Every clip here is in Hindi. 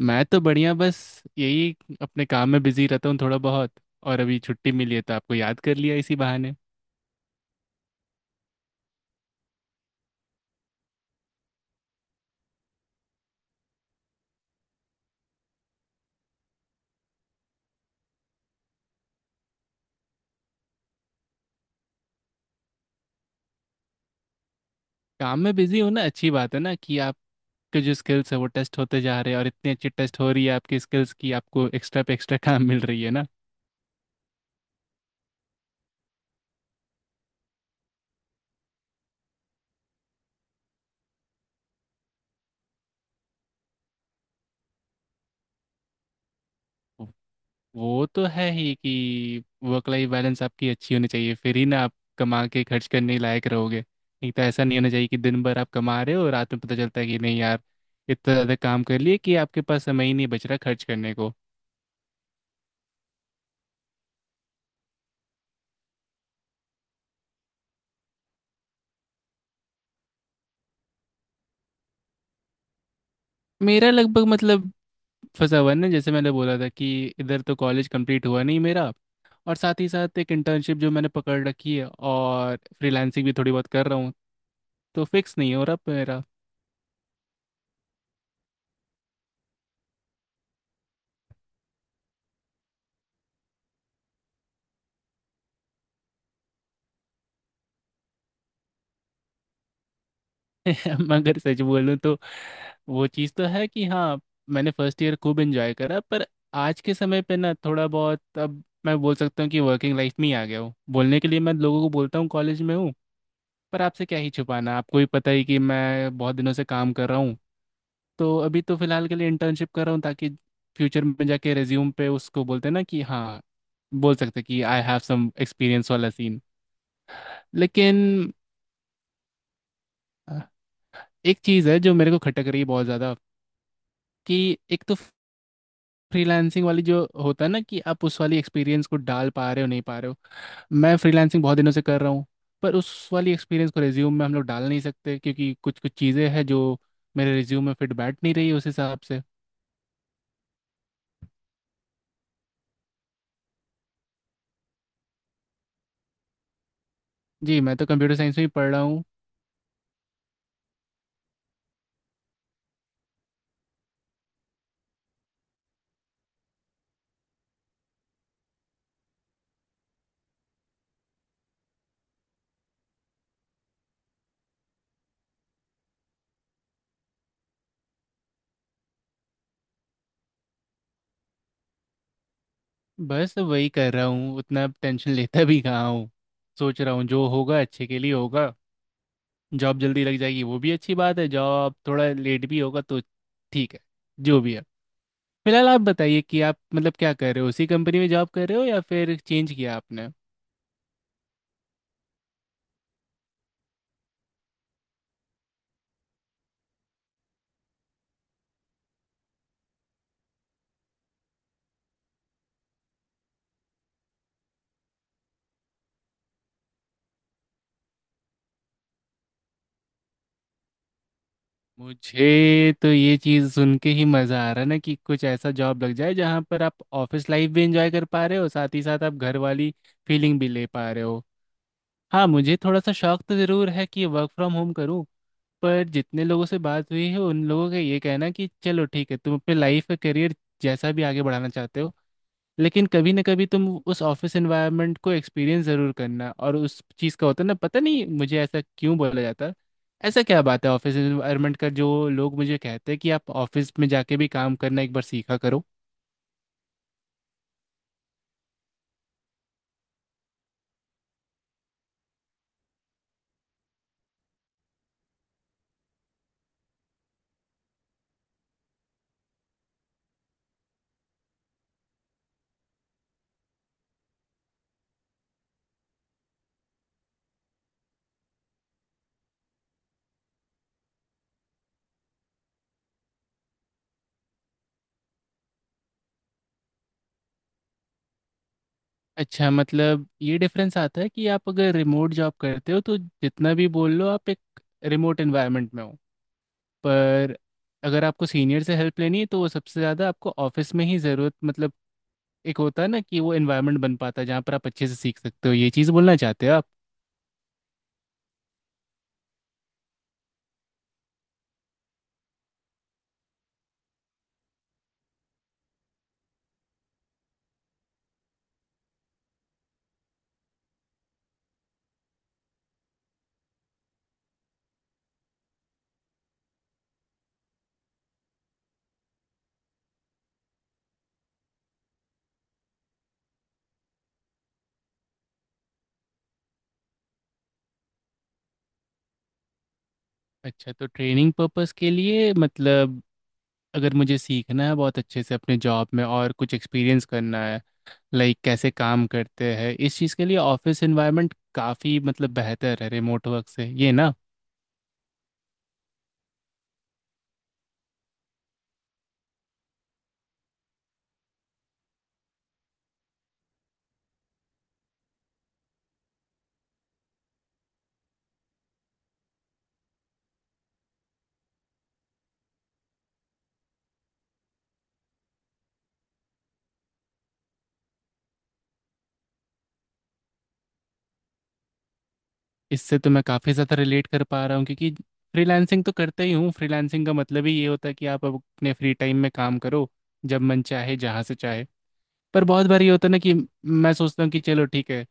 मैं तो बढ़िया बस यही अपने काम में बिजी रहता हूँ थोड़ा बहुत। और अभी छुट्टी मिली है तो आपको याद कर लिया इसी बहाने। काम में बिजी होना अच्छी बात है ना कि आपके जो स्किल्स है वो टेस्ट होते जा रहे हैं, और इतनी अच्छी टेस्ट हो रही है आपकी स्किल्स की, आपको एक्स्ट्रा पे एक्स्ट्रा काम मिल रही है ना। वो तो है ही कि वर्क लाइफ बैलेंस आपकी अच्छी होनी चाहिए, फिर ही ना आप कमा के खर्च करने लायक रहोगे। नहीं तो ऐसा नहीं होना चाहिए कि दिन भर आप कमा रहे हो और रात में पता चलता है कि नहीं यार, इतना ज़्यादा काम कर लिए कि आपके पास समय ही नहीं बच रहा खर्च करने को। मेरा लगभग मतलब फंसा हुआ है ना, जैसे मैंने बोला था कि इधर तो कॉलेज कंप्लीट हुआ नहीं मेरा, और साथ ही साथ एक इंटर्नशिप जो मैंने पकड़ रखी है, और फ्रीलांसिंग भी थोड़ी बहुत कर रहा हूँ, तो फिक्स नहीं हो रहा मेरा। मगर सच बोलूँ तो वो चीज़ तो है कि हाँ, मैंने फर्स्ट ईयर खूब एंजॉय करा। पर आज के समय पे ना थोड़ा बहुत अब मैं बोल सकता हूँ कि वर्किंग लाइफ में ही आ गया हूँ। बोलने के लिए मैं लोगों को बोलता हूँ कॉलेज में हूँ, पर आपसे क्या ही छुपाना, आपको भी पता ही कि मैं बहुत दिनों से काम कर रहा हूँ। तो अभी तो फिलहाल के लिए इंटर्नशिप कर रहा हूँ ताकि फ्यूचर में जाके रेज्यूम पे उसको बोलते हैं ना कि हाँ, बोल सकते हैं कि आई हैव सम एक्सपीरियंस वाला सीन। लेकिन अ, एक चीज़ है जो मेरे को खटक रही है बहुत ज़्यादा। कि एक तो फ्रीलांसिंग वाली जो होता है ना कि आप उस वाली एक्सपीरियंस को डाल पा रहे हो नहीं पा रहे हो। मैं फ्रीलांसिंग बहुत दिनों से कर रहा हूँ, पर उस वाली एक्सपीरियंस को रेज्यूम में हम लोग डाल नहीं सकते, क्योंकि कुछ कुछ चीज़ें हैं जो मेरे रेज्यूम में फिट बैठ नहीं रही उस हिसाब से। जी, मैं तो कंप्यूटर साइंस में ही पढ़ रहा हूँ। बस वही कर रहा हूँ, उतना टेंशन लेता भी कहाँ हूँ। सोच रहा हूँ जो होगा अच्छे के लिए होगा। जॉब जल्दी लग जाएगी वो भी अच्छी बात है, जॉब थोड़ा लेट भी होगा तो ठीक है। जो भी है, फिलहाल आप बताइए कि आप मतलब क्या कर रहे हो, उसी कंपनी में जॉब कर रहे हो या फिर चेंज किया आपने। मुझे तो ये चीज़ सुन के ही मज़ा आ रहा है ना कि कुछ ऐसा जॉब लग जाए जहाँ पर आप ऑफिस लाइफ भी एंजॉय कर पा रहे हो, साथ ही साथ आप घर वाली फीलिंग भी ले पा रहे हो। हाँ, मुझे थोड़ा सा शौक तो ज़रूर है कि वर्क फ्रॉम होम करूँ। पर जितने लोगों से बात हुई है उन लोगों का ये कहना है कि चलो ठीक है, तुम अपने लाइफ का करियर जैसा भी आगे बढ़ाना चाहते हो, लेकिन कभी ना कभी तुम उस ऑफिस एनवायरनमेंट को एक्सपीरियंस ज़रूर करना। और उस चीज़ का होता है ना, पता नहीं मुझे ऐसा क्यों बोला जाता है। ऐसा क्या बात है ऑफिस एनवायरनमेंट का जो लोग मुझे कहते हैं कि आप ऑफिस में जाके भी काम करना एक बार सीखा करो। अच्छा, मतलब ये डिफरेंस आता है कि आप अगर रिमोट जॉब करते हो तो जितना भी बोल लो आप एक रिमोट एनवायरनमेंट में हो, पर अगर आपको सीनियर से हेल्प लेनी है तो वो सबसे ज़्यादा आपको ऑफिस में ही ज़रूरत, मतलब एक होता है ना कि वो एनवायरनमेंट बन पाता है जहाँ पर आप अच्छे से सीख सकते हो। ये चीज़ बोलना चाहते हो आप। अच्छा, तो ट्रेनिंग पर्पस के लिए मतलब अगर मुझे सीखना है बहुत अच्छे से अपने जॉब में और कुछ एक्सपीरियंस करना है, लाइक कैसे काम करते हैं, इस चीज़ के लिए ऑफिस एनवायरनमेंट काफ़ी मतलब बेहतर है रिमोट वर्क से, ये ना। इससे तो मैं काफ़ी ज़्यादा रिलेट कर पा रहा हूँ, क्योंकि फ्रीलांसिंग तो करता ही हूँ। फ्रीलांसिंग का मतलब ही ये होता है कि आप अपने फ्री टाइम में काम करो, जब मन चाहे जहाँ से चाहे। पर बहुत बार ये होता है ना कि मैं सोचता हूँ कि चलो ठीक है,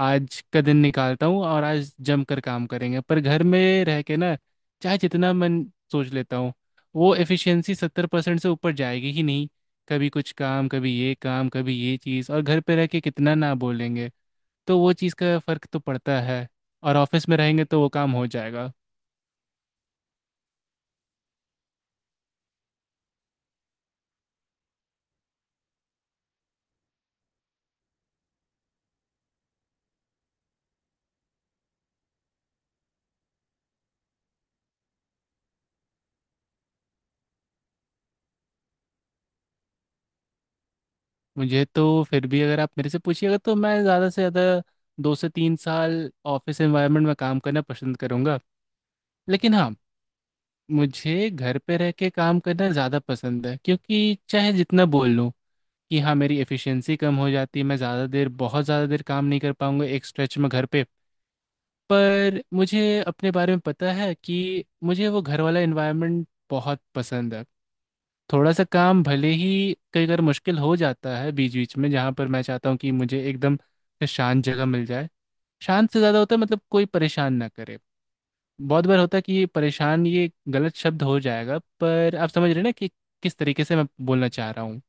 आज का दिन निकालता हूँ और आज जम कर काम करेंगे, पर घर में रह के ना चाहे जितना मन सोच लेता हूँ, वो एफिशिएंसी 70% से ऊपर जाएगी ही नहीं। कभी कुछ काम, कभी ये काम, कभी ये चीज़, और घर पे रह के कितना ना बोलेंगे, तो वो चीज़ का फ़र्क तो पड़ता है। और ऑफिस में रहेंगे तो वो काम हो जाएगा। मुझे तो फिर भी अगर आप मेरे से पूछिएगा तो मैं ज़्यादा से ज़्यादा 2 से 3 साल ऑफिस एनवायरनमेंट में काम करना पसंद करूँगा। लेकिन हाँ, मुझे घर पे रह के काम करना ज़्यादा पसंद है, क्योंकि चाहे जितना बोल लूँ कि हाँ मेरी एफिशिएंसी कम हो जाती है, मैं ज़्यादा देर, बहुत ज़्यादा देर काम नहीं कर पाऊँगा एक स्ट्रेच में घर पे। पर मुझे अपने बारे में पता है कि मुझे वो घर वाला एनवायरनमेंट बहुत पसंद है। थोड़ा सा काम भले ही कई बार मुश्किल हो जाता है बीच बीच में, जहाँ पर मैं चाहता हूँ कि मुझे एकदम से शांत जगह मिल जाए। शांत से ज़्यादा होता है मतलब कोई परेशान ना करे। बहुत बार होता है कि ये परेशान ये गलत शब्द हो जाएगा, पर आप समझ रहे हैं ना कि किस तरीके से मैं बोलना चाह रहा हूँ।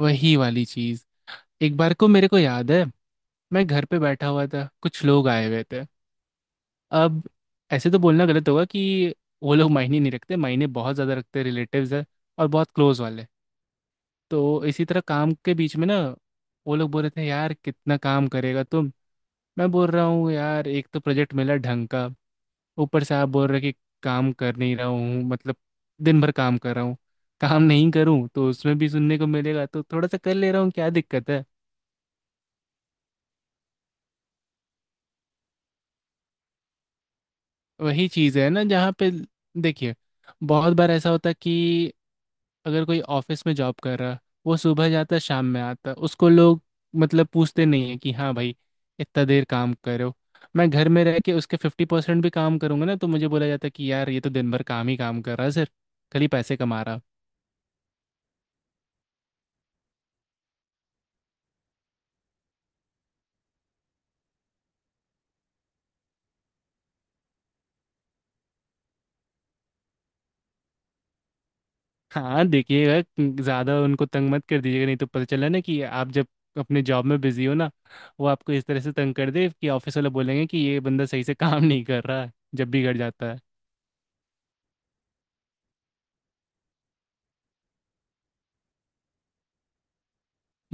वही वाली चीज़, एक बार को मेरे को याद है मैं घर पे बैठा हुआ था, कुछ लोग आए हुए थे। अब, ऐसे तो बोलना गलत होगा कि वो लोग मायने नहीं रखते, मायने बहुत ज़्यादा रखते, रिलेटिव्स है और बहुत क्लोज वाले। तो इसी तरह काम के बीच में ना वो लोग बोल रहे थे यार कितना काम करेगा तुम। मैं बोल रहा हूँ यार एक तो प्रोजेक्ट मिला ढंग का, ऊपर से आप बोल रहे कि काम कर नहीं रहा हूँ। मतलब दिन भर काम कर रहा हूँ, काम नहीं करूँ तो उसमें भी सुनने को मिलेगा, तो थोड़ा सा कर ले रहा हूँ, क्या दिक्कत है। वही चीज़ है ना जहाँ पे, देखिए, बहुत बार ऐसा होता है कि अगर कोई ऑफिस में जॉब कर रहा, वो सुबह जाता शाम में आता, उसको लोग मतलब पूछते नहीं है कि हाँ भाई इतना देर काम करे हो। मैं घर में रह के उसके 50% भी काम करूंगा ना तो मुझे बोला जाता कि यार ये तो दिन भर काम ही काम कर रहा है सर, खाली पैसे कमा रहा। हाँ देखिएगा, ज़्यादा उनको तंग मत कर दीजिएगा, नहीं तो पता चला ना कि आप जब अपने जॉब में बिजी हो ना वो आपको इस तरह से तंग कर दे कि ऑफिस वाले बोलेंगे कि ये बंदा सही से काम नहीं कर रहा है जब भी घर जाता है।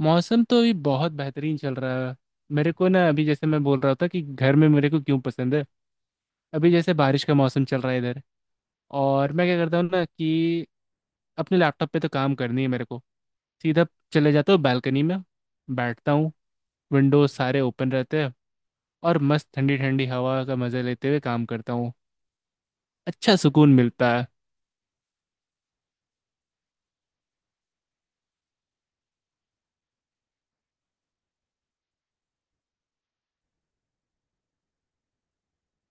मौसम तो अभी बहुत बेहतरीन चल रहा है। मेरे को ना अभी जैसे मैं बोल रहा था कि घर में मेरे को क्यों पसंद है, अभी जैसे बारिश का मौसम चल रहा है इधर। और मैं क्या करता हूँ ना कि अपने लैपटॉप पे तो काम करनी है मेरे को, सीधा चले जाता हूँ बालकनी में, बैठता हूँ, विंडोज सारे ओपन रहते हैं, और मस्त ठंडी ठंडी हवा का मज़े लेते हुए काम करता हूँ। अच्छा सुकून मिलता है।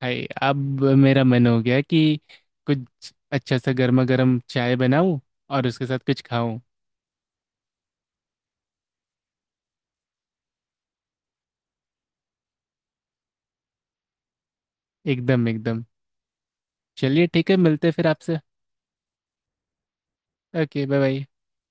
हाय, अब मेरा मन हो गया कि कुछ अच्छा सा गर्मा गर्म चाय बनाऊँ और उसके साथ कुछ खाऊं। एकदम एकदम। चलिए ठीक है, मिलते हैं फिर आपसे। Okay, bye bye.